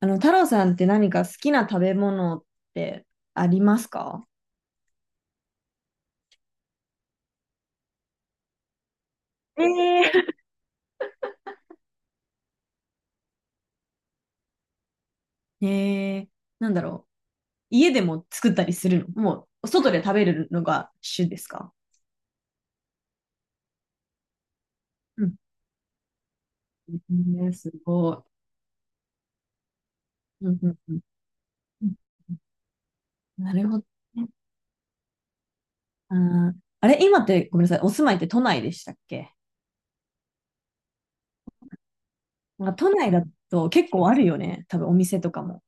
あの、太郎さんって何か好きな食べ物ってありますか？えー、なんだろう。家でも作ったりするの、外で食べるのが主ですか？うん、ね、すごい。うんうんうん、うん、なるほどね。ああれ、今って、ごめんなさい、お住まいって都内でしたっけ？なんか都内だと結構あるよね。多分お店とかも。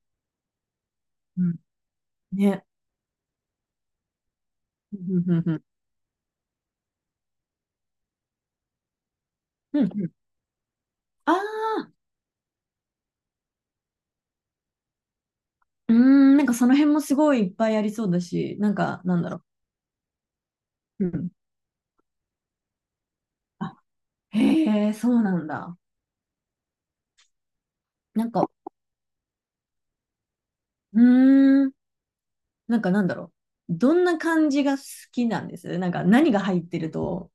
うん。ね。うんうんうんうん。うんうん。ああ、うーなんかその辺もすごいいっぱいありそうだし、なんか、なんだろう。うん。へえ、そうなんだ。なんか、うーん、なんかなんだろどんな感じが好きなんです？なんか何が入ってると、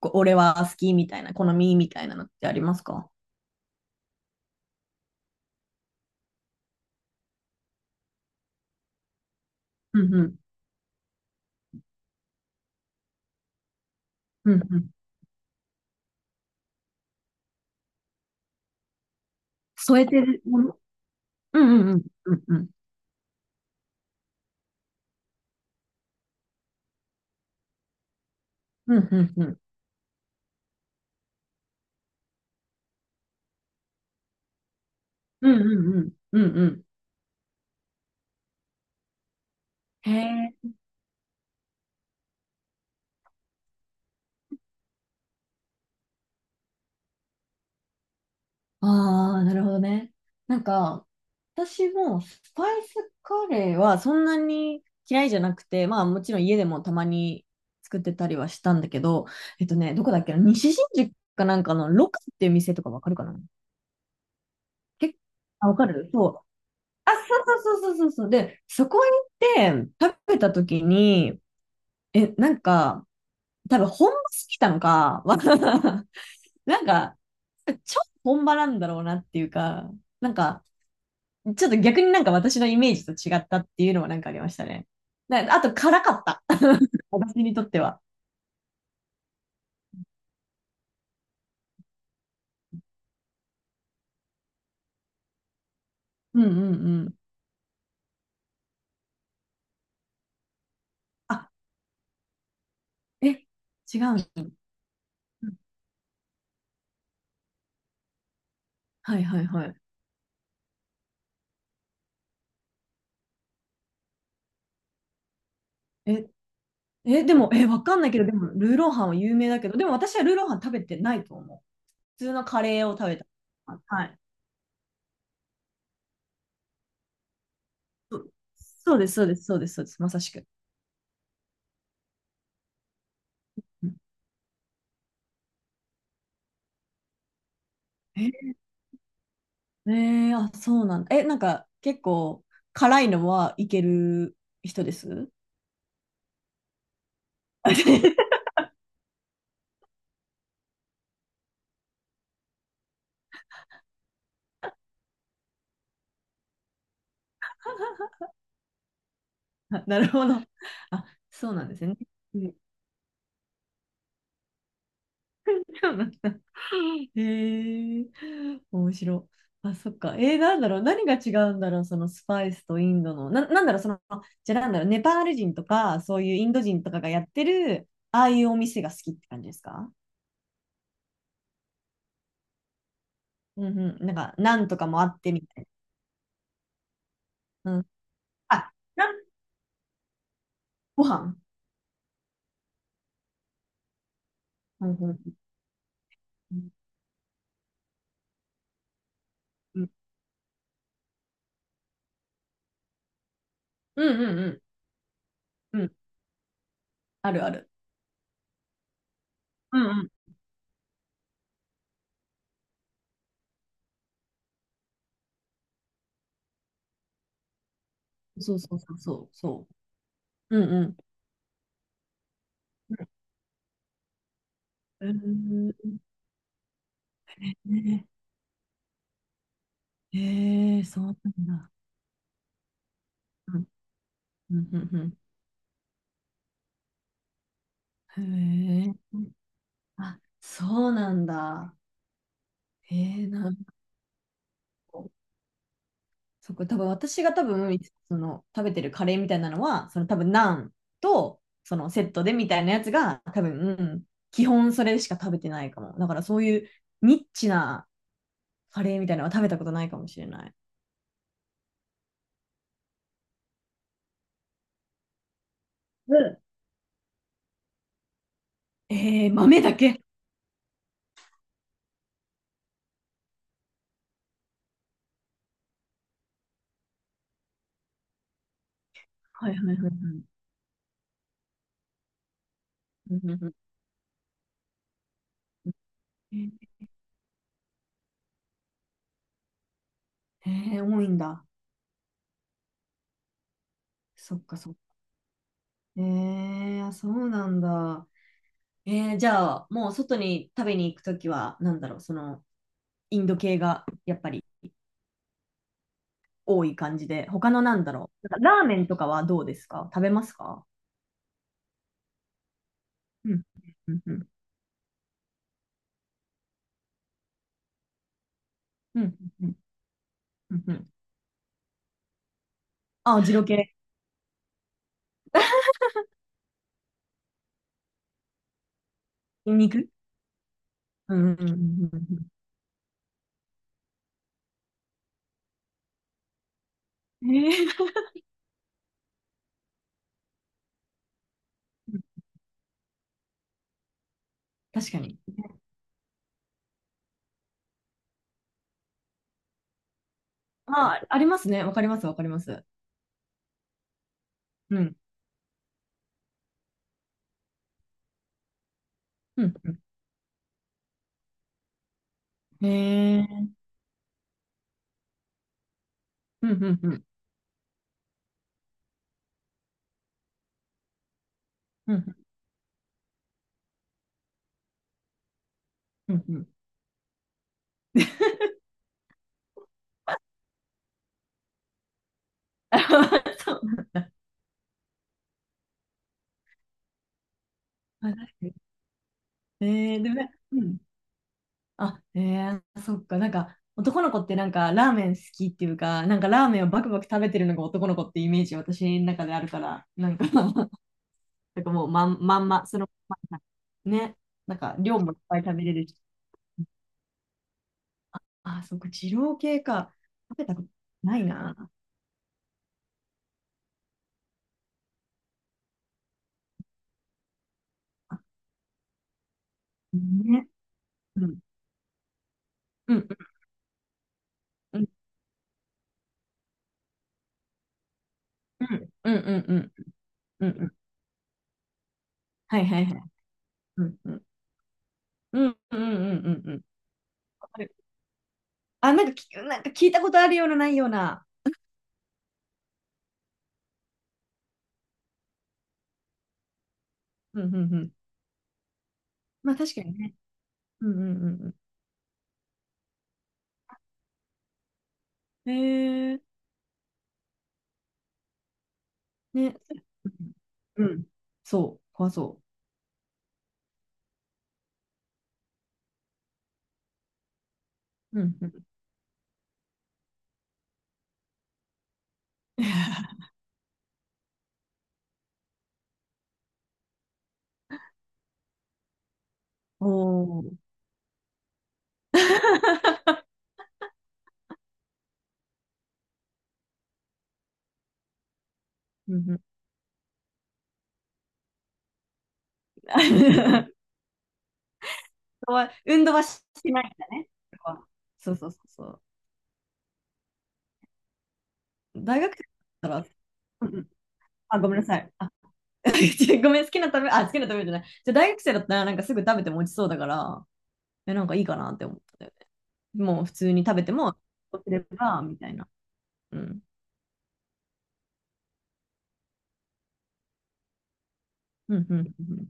こう俺は好きみたいな、好みみたいなのってありますか？うんうん、うんうん。添えてるもの。うんうんうん、うんうん、うんうんうん、うんうんうん、うんうん。へえ。ああ、なるほどね。なんか、私もスパイスカレーはそんなに嫌いじゃなくて、まあもちろん家でもたまに作ってたりはしたんだけど、どこだっけな、西新宿かなんかのロカっていう店とかわかるかな？結構、あ、わかるそう。あ、そうそうそうそうそうそう。で、そこに行って食べた時に、なんか、多分本場すぎたのか、なんか、超本場なんだろうなっていうか、なんか、ちょっと逆になんか私のイメージと違ったっていうのはなんかありましたね。あと辛かった。私にとっては。うんうんうん。あ、え、違うの？はいはいはい。え、でも、わかんないけど、でも、ルーローハンは有名だけど、でも私はルーローハン食べてないと思う。普通のカレーを食べた。あ、はい。そそうです、そうです、そうです、そうです、まさしく。うん。え、えーあ、そうなんだ。なんか、結構、辛いのはいける人です？ あ、なるほど。あ、そうなんですね。うん、そうなんだ。へえ、面白い。あ、そっか。なんだろう。何が違うんだろう。そのスパイスとインドの。なんだろう。その、じゃあなんだろう。ネパール人とか、そういうインド人とかがやってる、ああいうお店が好きって感じですか？うんうん。なんか、ナンとかもあってみたいな。うん。あ、ナン、ご飯。うんうんうんうん、うんうんうんうん、あるある。うんうん。そうそうそうそう。そう。うんうん。うん、ええ、そうなんだ。うん、うん、うん、うん。へえ。あ、そうなんだ。えなんか、多分私が多分、その、食べてるカレーみたいなのは、その多分、ナンと、そのセットでみたいなやつが、多分、うん、基本それしか食べてないかも。だからそういうニッチなカレーみたいなのは食べたことないかもしれない。うん、ええ、豆だけ。はいはいはいはい。うんうんうん、ええ多いんだ。そっかそっか。えあ、そうなんだ。じゃあ、もう外に食べに行くときは、なんだろう、その、インド系がやっぱり多い感じで、他のなんだろう、なんかラーメンとかはどうですか？食べますか？うん、うん、うん、うん、うん、うんうん。あ、二郎系、ニンニク。うん、うん、うん、うんうん。確かに。まあ、ありますね。わかります、わかります。うん、うん、うん。うん、うん、うん、うん、うん、うん うん、そう。あ、確かに。でもね、うん、あ、ええ、そっか、なんか、男の子ってなんか、ラーメン好きっていうか、なんかラーメンをバクバク食べてるのが男の子ってイメージ、私の中であるから、なんか なんかもうまん、まんま、その、まんまね、なんか、量もいっぱい食べれるし。あ、そっか、二郎系か。食べたことないな。あ、ね。うん。うん。うん。うん。うん。うん。うん。うん。うん、はいはいはい。うん。うん。うん。うん。うん。うん。うん、わかる。あ、なんかき、なんか聞いたことあるような、ないような。うん。うん。うん。まあ、確かにね。うんうんうんうん。へえ。ね。うんうん。そう、怖そう。うんうん。おお。うんうん。は、運動はしないんだね。そうそうそうそう。大学生だったら、うんうん、あ、ごめんなさい。あ、違うごめん、好きな食べ、あ、好きな食べじゃない。じゃあ大学生だったら、なんかすぐ食べても落ちそうだから、なんかいいかなって思った。もう普通に食べても、落ちれば、みたいな。うん。うんうんうんうん。